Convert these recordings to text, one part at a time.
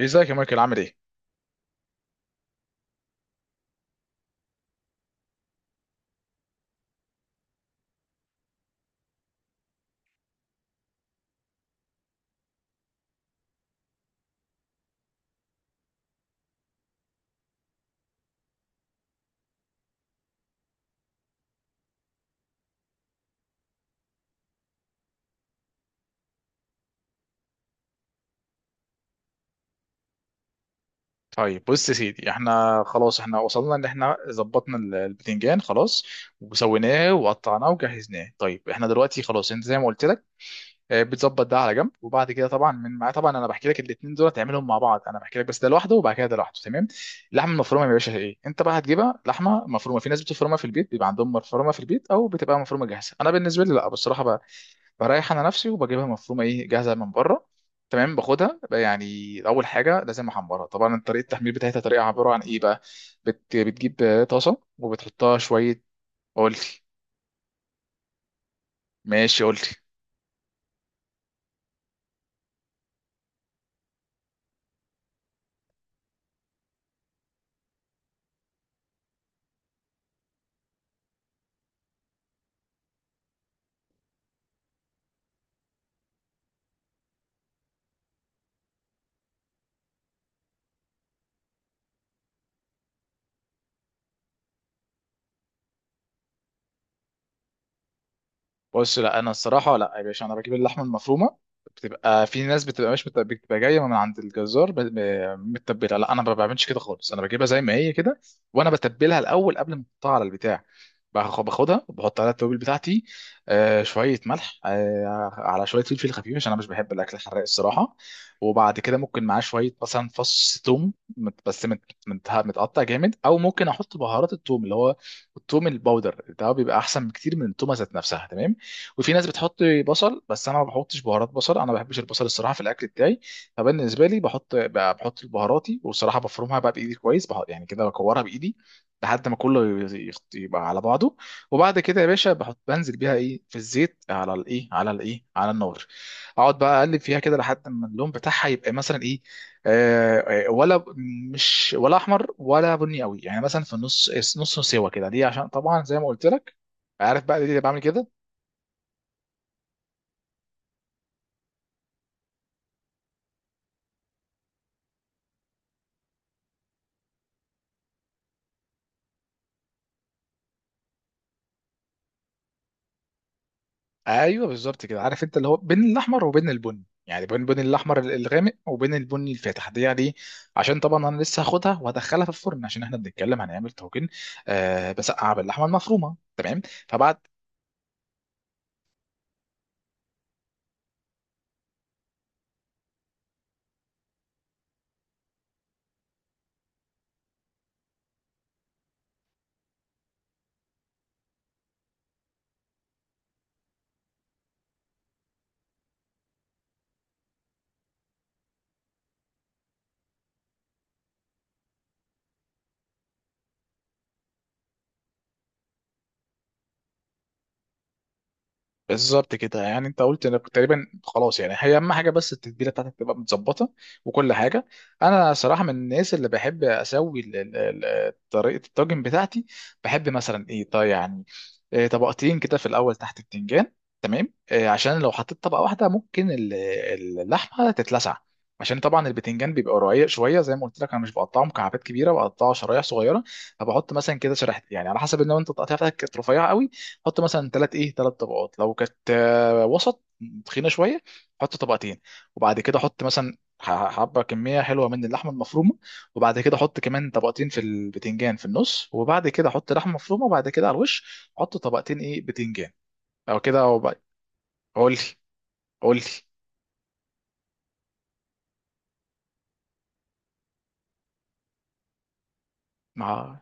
ازيك يا مايكل عامل ايه؟ طيب بص يا سيدي احنا خلاص وصلنا ان احنا ظبطنا البتنجان خلاص، وسويناه وقطعناه وجهزناه. طيب احنا دلوقتي خلاص، انت زي ما قلت لك، اه، بتظبط ده على جنب. وبعد كده طبعا من معاه، طبعا انا بحكي لك الاثنين دول تعملهم مع بعض، انا بحكي لك بس ده لوحده وبعد كده ده لوحده. تمام. اللحمه المفرومه يا باشا، ايه انت بقى هتجيبها؟ لحمه مفرومه في ناس بتفرمها في البيت، بيبقى عندهم مفرومه في البيت، او بتبقى مفرومه جاهزه. انا بالنسبه لي لا، بصراحه بريح انا نفسي وبجيبها مفرومه ايه، جاهزه من بره. تمام. باخدها بقى، يعني اول حاجه لازم احمرها طبعا. طريقه التحمير بتاعتها طريقه عباره عن ايه بقى؟ بتجيب طاسه وبتحطها شويه. قلت ماشي قلت. بص، لا انا الصراحه لا يا باشا، انا بجيب اللحمه المفرومه، بتبقى في ناس بتبقى مش مت- بتبقى جايه من عند الجزار متبله. لا انا ما بعملش كده خالص، انا بجيبها زي ما هي كده، وانا بتبلها الاول قبل ما احطها على البتاع. باخدها وبحط عليها التوابل بتاعتي، آه شويه ملح، آه على شويه فلفل خفيف، عشان انا مش بحب الاكل الحراق الصراحه. وبعد كده ممكن معاه شويه مثلا فص ثوم متقطع جامد، او ممكن احط بهارات الثوم، اللي هو الثوم الباودر ده، بيبقى احسن بكتير من التومه ذات نفسها. تمام. وفي ناس بتحط بصل، بس انا ما بحطش بهارات بصل، انا ما بحبش البصل الصراحه في الاكل بتاعي. فبالنسبه لي بحط بهاراتي، والصراحه بفرمها بقى بايدي كويس، بحط يعني كده بكورها بايدي لحد ما كله يبقى على بعضه. وبعد كده يا باشا بحط، بنزل بيها ايه في الزيت على الايه على الايه على النار، اقعد بقى اقلب فيها كده لحد ما اللون بتاعها يبقى مثلا ايه، آه آه، ولا ب- مش ولا احمر ولا بني قوي، يعني مثلا في النص، نص سوا كده. ليه؟ عشان طبعا زي ما قلت لك، عارف بقى ليه بعمل كده؟ ايوه بالظبط كده، عارف، انت اللي هو بين الاحمر وبين البني، يعني بين الاحمر الغامق وبين البني الفاتح دي، يعني عشان طبعا انا لسه هاخدها وهدخلها في الفرن، عشان احنا بنتكلم هنعمل طاجن، آه، بسقعه باللحمه المفرومه. تمام. فبعد، بالظبط كده، يعني انت قلت انا كنت تقريبا خلاص، يعني هي اهم حاجه بس التتبيله بتاعتك تبقى متظبطه وكل حاجه. انا صراحه من الناس اللي بحب اسوي طريقه الطاجن بتاعتي. بحب مثلا ايه، طيب يعني إيه، طبقتين كده في الاول تحت البتنجان. تمام إيه، عشان لو حطيت طبقه واحده ممكن اللحمه تتلسع، عشان طبعا البتنجان بيبقى رقيق شويه زي ما قلت لك، انا مش بقطعه مكعبات كبيره، بقطعه شرايح صغيره. فبحط مثلا كده شريحتين، يعني على حسب، ان انت التقطيع بتاعتك كانت رفيعه قوي، حط مثلا ثلاث ايه ثلاث طبقات، لو كانت وسط، تخينه شويه، حط طبقتين. وبعد كده حط مثلا حبه كميه حلوه من اللحمه المفرومه. وبعد كده حط كمان طبقتين في البتنجان في النص، وبعد كده حط لحمه مفرومه، وبعد كده على الوش حط طبقتين ايه بتنجان، او كده، أو بقى- قول لي قول لي ما.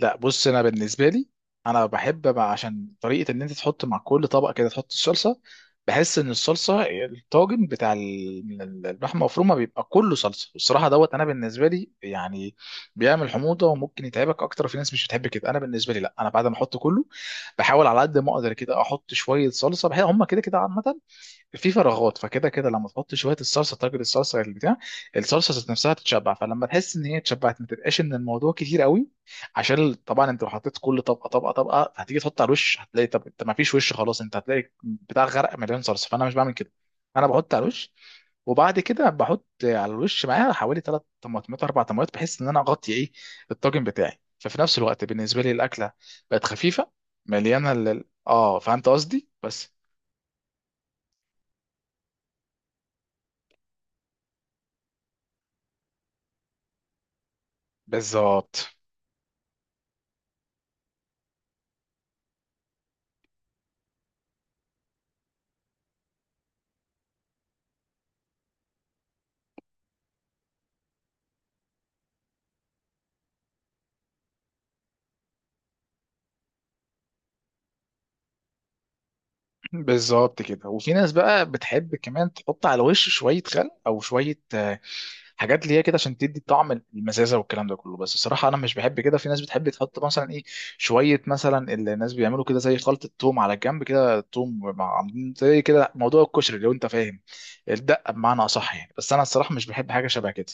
لا بص، انا بالنسبه لي، انا بحب بقى، عشان طريقه ان انت تحط مع كل طبق كده تحط الصلصه، بحس ان الصلصه، الطاجن بتاع اللحمه المفرومه بيبقى كله صلصه، والصراحه دوت انا بالنسبه لي يعني بيعمل حموضه وممكن يتعبك اكتر، في ناس مش بتحب كده. انا بالنسبه لي لا، انا بعد ما احط كله، بحاول على قد ما اقدر كده احط شويه صلصه، بحيث هم كده كده عامه في فراغات، فكده كده لما تحط شويه الصلصه، طاجن الصلصه البتاع، الصلصه ذات نفسها تتشبع، فلما تحس ان هي اتشبعت ما تبقاش ان الموضوع كتير قوي، عشان طبعا انت لو حطيت كل طبقه طبقه طبقه، هتيجي تحط على الوش هتلاقي، طب انت ما فيش وش خلاص، انت هتلاقي بتاع غرق مليان صلصه. فانا مش بعمل كده، انا بحط على الوش، وبعد كده بحط على الوش معاها حوالي ثلاث طماطمات اربع طماطمات، بحيث ان انا اغطي ايه الطاجن بتاعي، ففي نفس الوقت بالنسبه لي الاكله بقت خفيفه، مليانه فهمت قصدي. بس بالظبط بالظبط كده. وفي ناس بقى بتحب كمان تحط على الوش شويه خل او شويه حاجات اللي هي كده، عشان تدي طعم المزازه والكلام ده كله، بس الصراحه انا مش بحب كده. في ناس بتحب تحط مثلا ايه، شويه مثلا، اللي الناس بيعملوا كده زي خلطه توم على الجنب كده، توم مع عاملين زي كده موضوع الكشري لو انت فاهم، الدقه بمعنى اصح يعني، بس انا الصراحه مش بحب حاجه شبه كده.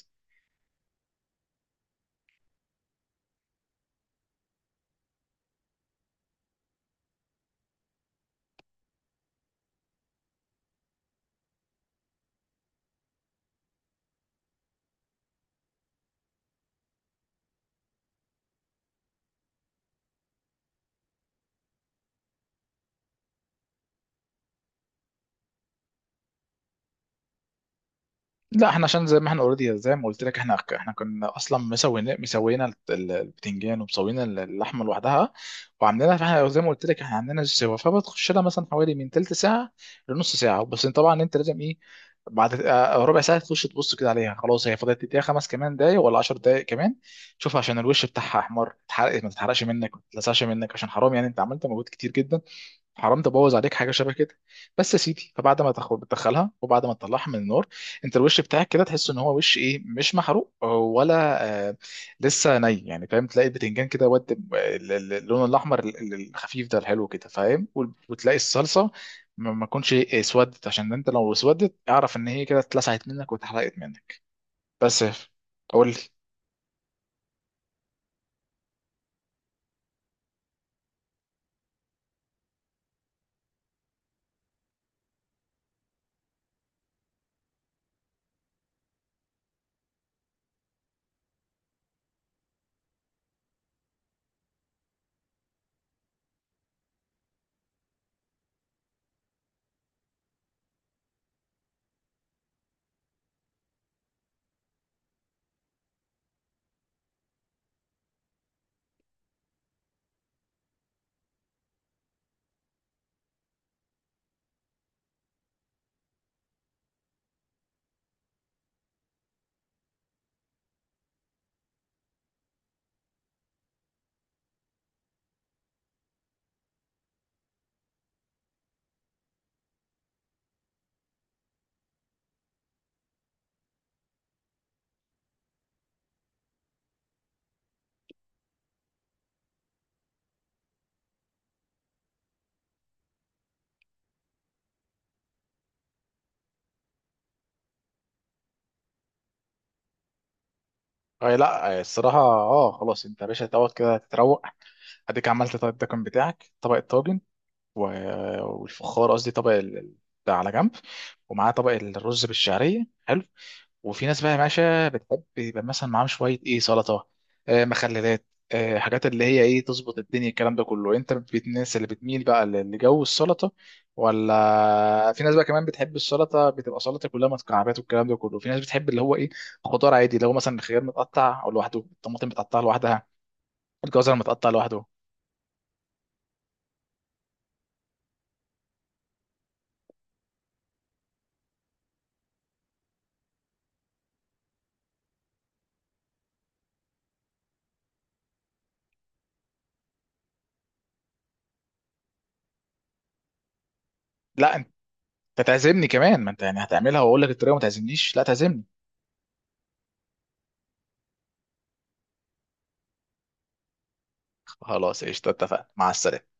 لا، احنا عشان زي ما احنا اوريدي، زي ما قلت لك، احنا كنا اصلا مسوينا البتنجان، ومسوينا اللحمه لوحدها وعاملينها، فاحنا زي ما قلت لك احنا عاملينها سوا، فبتخش لها مثلا حوالي من تلت ساعه لنص ساعه. بس انت طبعا انت لازم ايه، بعد ربع ساعه تخش تبص كده عليها، خلاص هي فاضلت، تديها خمس كمان دقايق ولا 10 دقايق كمان، شوف عشان الوش بتاعها احمر تحرق، ما تتحرقش منك، ما تتلسعش منك، عشان حرام يعني انت عملت مجهود كتير جدا، حرام تبوظ عليك حاجه شبه كده. بس يا سيدي، فبعد ما تاخد بتدخلها، وبعد ما تطلعها من النار، انت الوش بتاعك كده تحس ان هو وش ايه، مش محروق ولا آه، لسه ني يعني، فاهم؟ تلاقي البتنجان كده ود اللون الاحمر الخفيف ده الحلو كده، فاهم؟ وتلاقي الصلصه ما تكونش إيه، اسودت، عشان انت لو اسودت اعرف ان هي كده اتلسعت منك واتحرقت منك. بس يا ف- قول لي. اي لا آه، الصراحه اه خلاص، انت يا باشا دوت كده تتروق، اديك عملت طيب الدكن بتاعك، طبق الطاجن والفخار قصدي طبق ده على جنب، ومعاه طبق الرز بالشعريه، حلو. وفي ناس بقى يا باشا بتحب يبقى مثلا معاهم شويه ايه سلطه، آه مخللات، آه حاجات اللي هي ايه تظبط الدنيا، الكلام ده كله. انت الناس اللي بتميل بقى لجو السلطه، ولا في ناس بقى كمان بتحب السلطه، بتبقى سلطه كلها مكعبات والكلام ده كله، في ناس بتحب اللي هو ايه، خضار عادي، اللي هو مثلا الخيار متقطع او لوحده، الطماطم متقطعه لوحدها، الجزر متقطع لوحده. لا، انت تعزمني كمان، ما انت يعني هتعملها واقول لك الطريقه، ما تعزمنيش؟ لا تعزمني. خلاص قشطه، اتفقنا، مع السلامه.